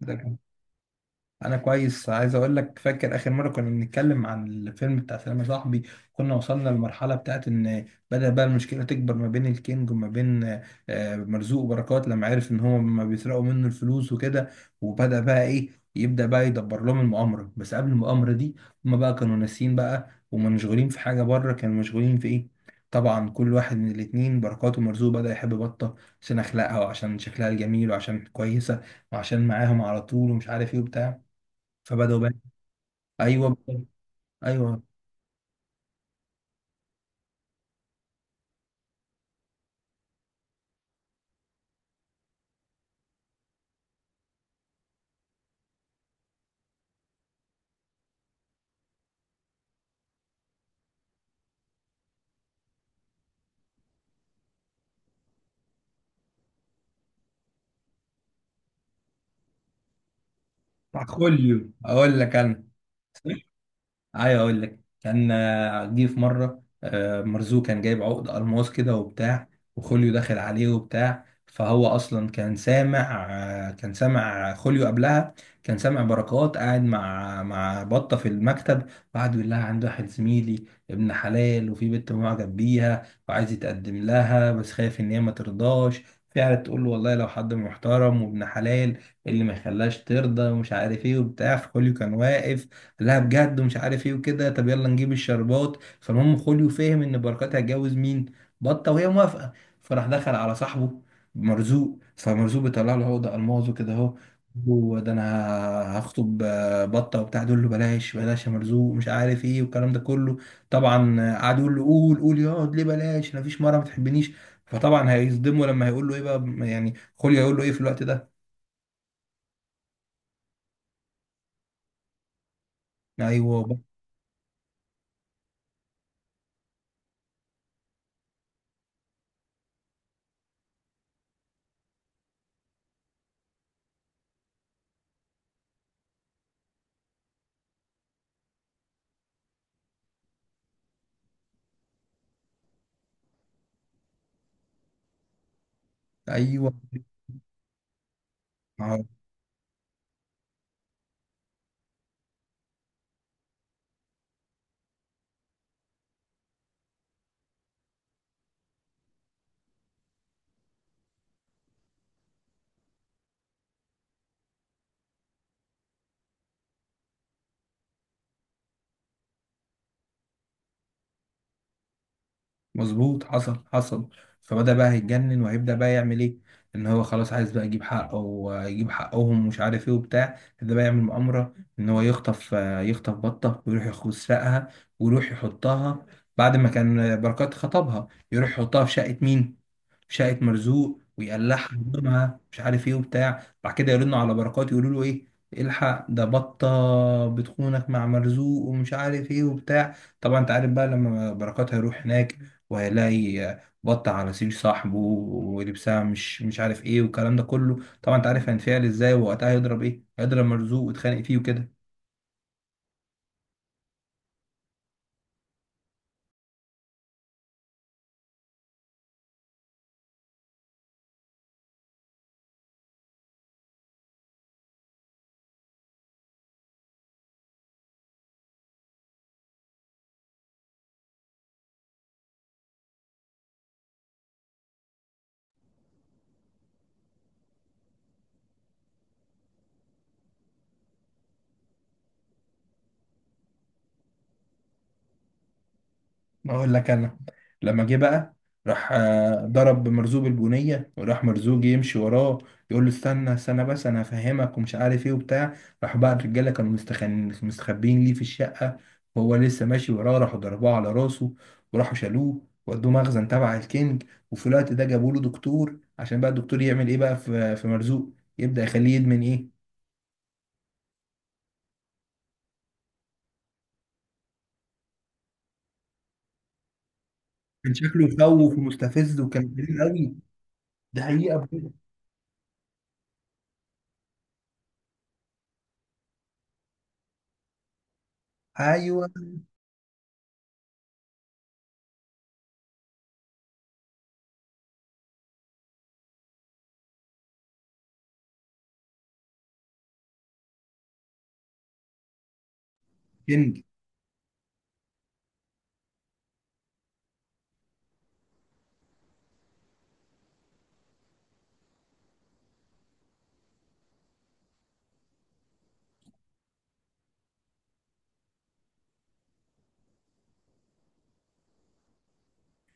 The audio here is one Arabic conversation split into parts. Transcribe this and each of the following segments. ده كان انا كويس. عايز اقول لك، فاكر اخر مره كنا بنتكلم عن الفيلم بتاع سلام يا صاحبي. كنا وصلنا للمرحله بتاعت ان بدا بقى المشكله تكبر ما بين الكينج وما بين مرزوق وبركات لما عرف ان هم ما بيسرقوا منه الفلوس وكده. وبدا بقى ايه؟ يبدا بقى يدبر لهم المؤامره. بس قبل المؤامره دي، هم بقى كانوا ناسيين بقى ومنشغولين في حاجه بره. كانوا مشغولين في ايه؟ طبعا كل واحد من الاتنين، بركات ومرزوق، بدأ يحب بطة عشان أخلاقها وعشان شكلها الجميل وعشان كويسة وعشان معاهم على طول ومش عارف ايه وبتاع، فبدأوا بقى. ايوه، ايوه. بتاع خوليو، اقول لك انا سمعت. عايز اقول لك، كان جه في مره. مرزوق كان جايب عقد الماس كده وبتاع، وخوليو داخل عليه وبتاع. فهو اصلا كان سامع خوليو قبلها. كان سامع بركات قاعد مع بطه في المكتب، وقعد يقول لها عنده واحد زميلي ابن حلال وفي بنت معجب بيها وعايز يتقدم لها، بس خايف ان هي ما ترضاش. فقعدت تقول له: والله لو حد محترم وابن حلال، إيه اللي ما يخليهاش ترضى، ومش عارف ايه وبتاع. فخوليو كان واقف: لا بجد، ومش عارف ايه وكده، طب يلا نجيب الشربات. فالمهم خوليو فهم ان بركات هتجوز مين؟ بطه، وهي موافقه. فراح دخل على صاحبه مرزوق. فمرزوق بيطلع له: هو ده الماظه كده اهو، هو ده انا هخطب بطه وبتاع. يقول له: بلاش بلاش يا مرزوق، مش عارف ايه والكلام ده كله. طبعا قعد يقول له قول قول، يقعد ليه بلاش، انا فيش مره ما بتحبنيش. فطبعا هيصدمه. لما هيقول له ايه بقى يعني خوليو، هيقول له ايه في الوقت ده؟ ايوه. ايوه مظبوط، حصل حصل. فبدأ بقى هيتجنن، وهيبدأ بقى يعمل ايه؟ ان هو خلاص عايز بقى يجيب حقه ويجيب حقهم ومش عارف ايه وبتاع. ده بقى يعمل مؤامرة ان هو يخطف بطة ويروح يسرقها، ويروح يحطها، بعد ما كان بركات خطبها، يروح يحطها في شقة مين؟ في شقة مرزوق. ويقلعها يضمها مش عارف ايه وبتاع. بعد كده يرنوا على بركات يقولوا له ايه؟ الحق ده بطة بتخونك مع مرزوق، ومش عارف ايه وبتاع. طبعا انت عارف بقى لما بركات هيروح هناك، وهيلاقي بط على سرير صاحبه ولبسها مش عارف ايه والكلام ده كله، طبعا انت عارف هينفعل ازاي. ووقتها هيضرب ايه؟ هيضرب مرزوق ويتخانق فيه وكده. اقول لك انا، لما جه بقى، راح ضرب مرزوق البنيه. وراح مرزوق يمشي وراه يقول له: استنى استنى، بس انا هفهمك، ومش عارف ايه وبتاع. راح بقى الرجاله، كانوا مستخبين ليه في الشقه، وهو لسه ماشي وراه، راحوا ضربوه على راسه، وراحوا شالوه ودوه مخزن تبع الكينج. وفي الوقت ده جابوا له دكتور عشان بقى الدكتور يعمل ايه بقى في مرزوق؟ يبدا يخليه يدمن ايه. كان شكله يخوف ومستفز وكان كبير قوي. ده حقيقه بجد. ايوه كينج.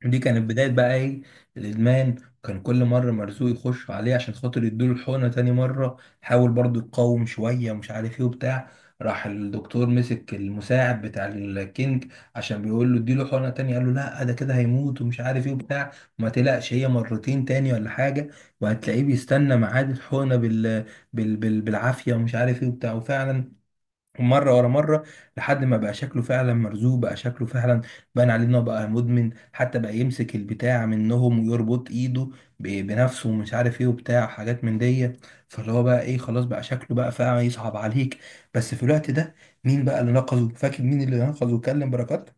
دي كانت بداية بقى ايه؟ الإدمان. كان كل مرة مرزوق يخش عليه عشان خاطر يدوله الحقنة. تاني مرة حاول برضو يقاوم شوية، ومش عارف ايه وبتاع. راح الدكتور مسك المساعد بتاع الكينج، عشان بيقول له اديله حقنة تانية. قال له: لا ده كده هيموت، ومش عارف ايه وبتاع. ما تقلقش، هي مرتين تاني ولا حاجة. وهتلاقيه بيستنى ميعاد الحقنة بالعافية، ومش عارف ايه وبتاع. وفعلا مرة ورا مرة، لحد ما بقى شكله فعلا. مرزوق بقى شكله فعلا بان عليه انه بقى مدمن. حتى بقى يمسك البتاع منهم ويربط ايده بنفسه، ومش عارف ايه وبتاع، حاجات من دي. فاللي هو بقى ايه، خلاص بقى شكله بقى فعلا يصعب عليك. بس في الوقت ده مين بقى اللي نقذه؟ فاكر مين اللي نقذه وكلم بركات؟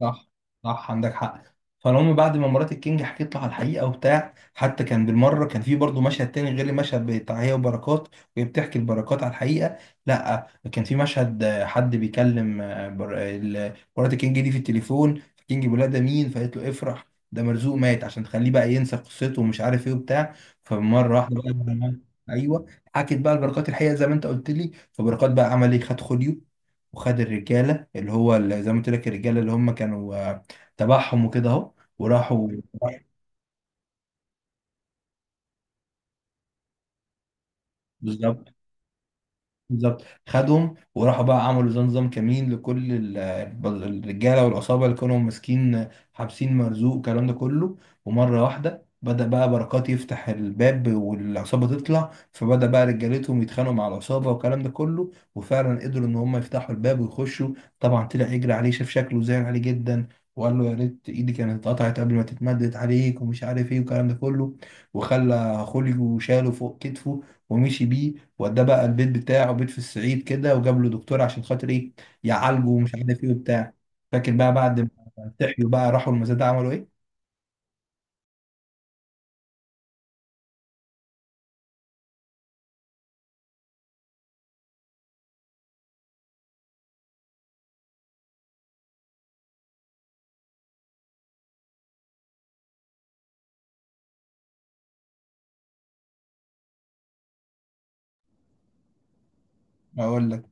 صح. صح، عندك حق. فالمهم بعد ما مرات الكينج حكيت له على الحقيقه وبتاع. حتى كان بالمره كان في برضه مشهد تاني غير المشهد بتاع هي وبركات وهي بتحكي البركات على الحقيقه. لا، كان في مشهد حد بيكلم مرات الكينج دي في التليفون. الكينج بيقول لها: ده مين؟ فقالت له: افرح، ده مرزوق مات، عشان تخليه بقى ينسى قصته، ومش عارف ايه وبتاع. فمره واحده بقى. ايوه، حكت بقى البركات الحقيقه زي ما انت قلت لي. فبركات بقى عمل ايه؟ خد خوليو وخد الرجاله اللي هو، اللي زي ما قلت لك، الرجاله اللي هم كانوا تبعهم وكده اهو، وراحوا. بالظبط. بالظبط. خدهم وراحوا بقى، عملوا زي نظام كمين لكل الرجاله والعصابه اللي كانوا ماسكين حابسين مرزوق، والكلام ده كله. ومره واحده بدأ بقى بركات يفتح الباب والعصابه تطلع، فبدأ بقى رجالتهم يتخانقوا مع العصابه والكلام ده كله. وفعلا قدروا ان هم يفتحوا الباب ويخشوا. طبعا طلع يجري عليه، شاف شكله زعل عليه جدا، وقال له: يا ريت ايدي كانت اتقطعت قبل ما تتمدد عليك، ومش عارف ايه والكلام ده كله. وخلى خوليو وشاله فوق كتفه، ومشي بيه، وده بقى البيت بتاعه، بيت في الصعيد كده، وجاب له دكتور عشان خاطر ايه؟ يعالجه، ومش عارف ايه وبتاع. فاكر بقى بعد ما صحيوا بقى، راحوا المزاد عملوا ايه؟ اقول لك.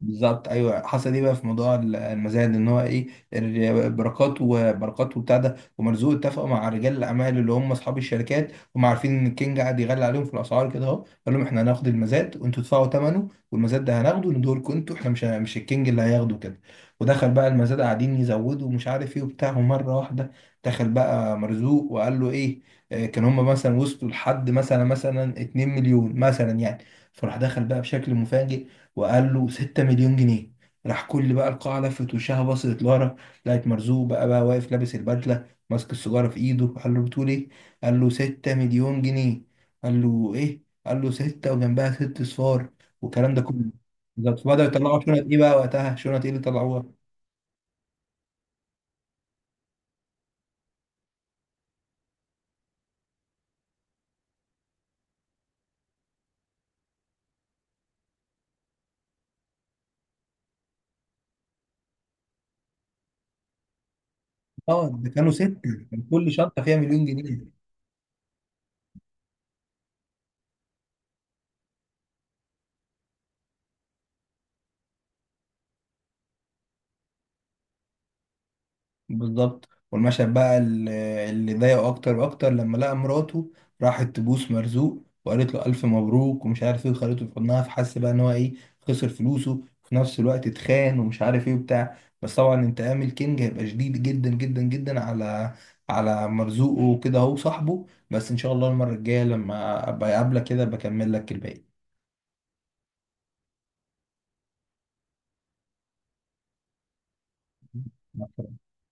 بالظبط، ايوه، حصل ايه بقى في موضوع المزاد، ان هو ايه؟ بركات وبتاع ده ومرزوق اتفقوا مع رجال الاعمال، اللي هم اصحاب الشركات. هم عارفين ان الكينج قاعد يغلي عليهم في الاسعار كده اهو. قال لهم: احنا هناخد المزاد وانتوا تدفعوا ثمنه، والمزاد ده هناخده ندور لكم انتوا، احنا مش الكينج اللي هياخده كده. ودخل بقى المزاد، قاعدين يزودوا ومش عارف ايه وبتاع. ومره واحده دخل بقى مرزوق وقال له ايه؟ كان هم مثلا وصلوا لحد مثلا 2 مليون مثلا يعني. فراح دخل بقى بشكل مفاجئ، وقال له 6 مليون جنيه. راح كل بقى القاعة لفت وشها بصت لورا، لقت مرزوق بقى واقف لابس البدلة ماسك السيجارة في ايده. قال له: بتقول ايه؟ قال له: 6 مليون جنيه. قال له: ايه؟ قال له: ستة وجنبها ست صفار، والكلام ده كله. بالظبط. بدأوا يطلعوا شنط ايه بقى وقتها؟ شنط ايه اللي طلعوها؟ اه ده كانوا ستة، كان كل شنطة فيها مليون جنيه. بالظبط. والمشهد بقى اللي ضايقه اكتر واكتر لما لقى مراته راحت تبوس مرزوق، وقالت له الف مبروك، ومش عارف ايه، وخدته في حضنها، فحس بقى ان هو ايه؟ خسر فلوسه. في نفس الوقت اتخان، ومش عارف ايه وبتاع. بس طبعا انتقام الكينج هيبقى شديد جدا جدا جدا على مرزوقه وكده، هو صاحبه. بس ان شاء الله المره الجايه لما ابقى اقابلك كده بكمل لك الباقي.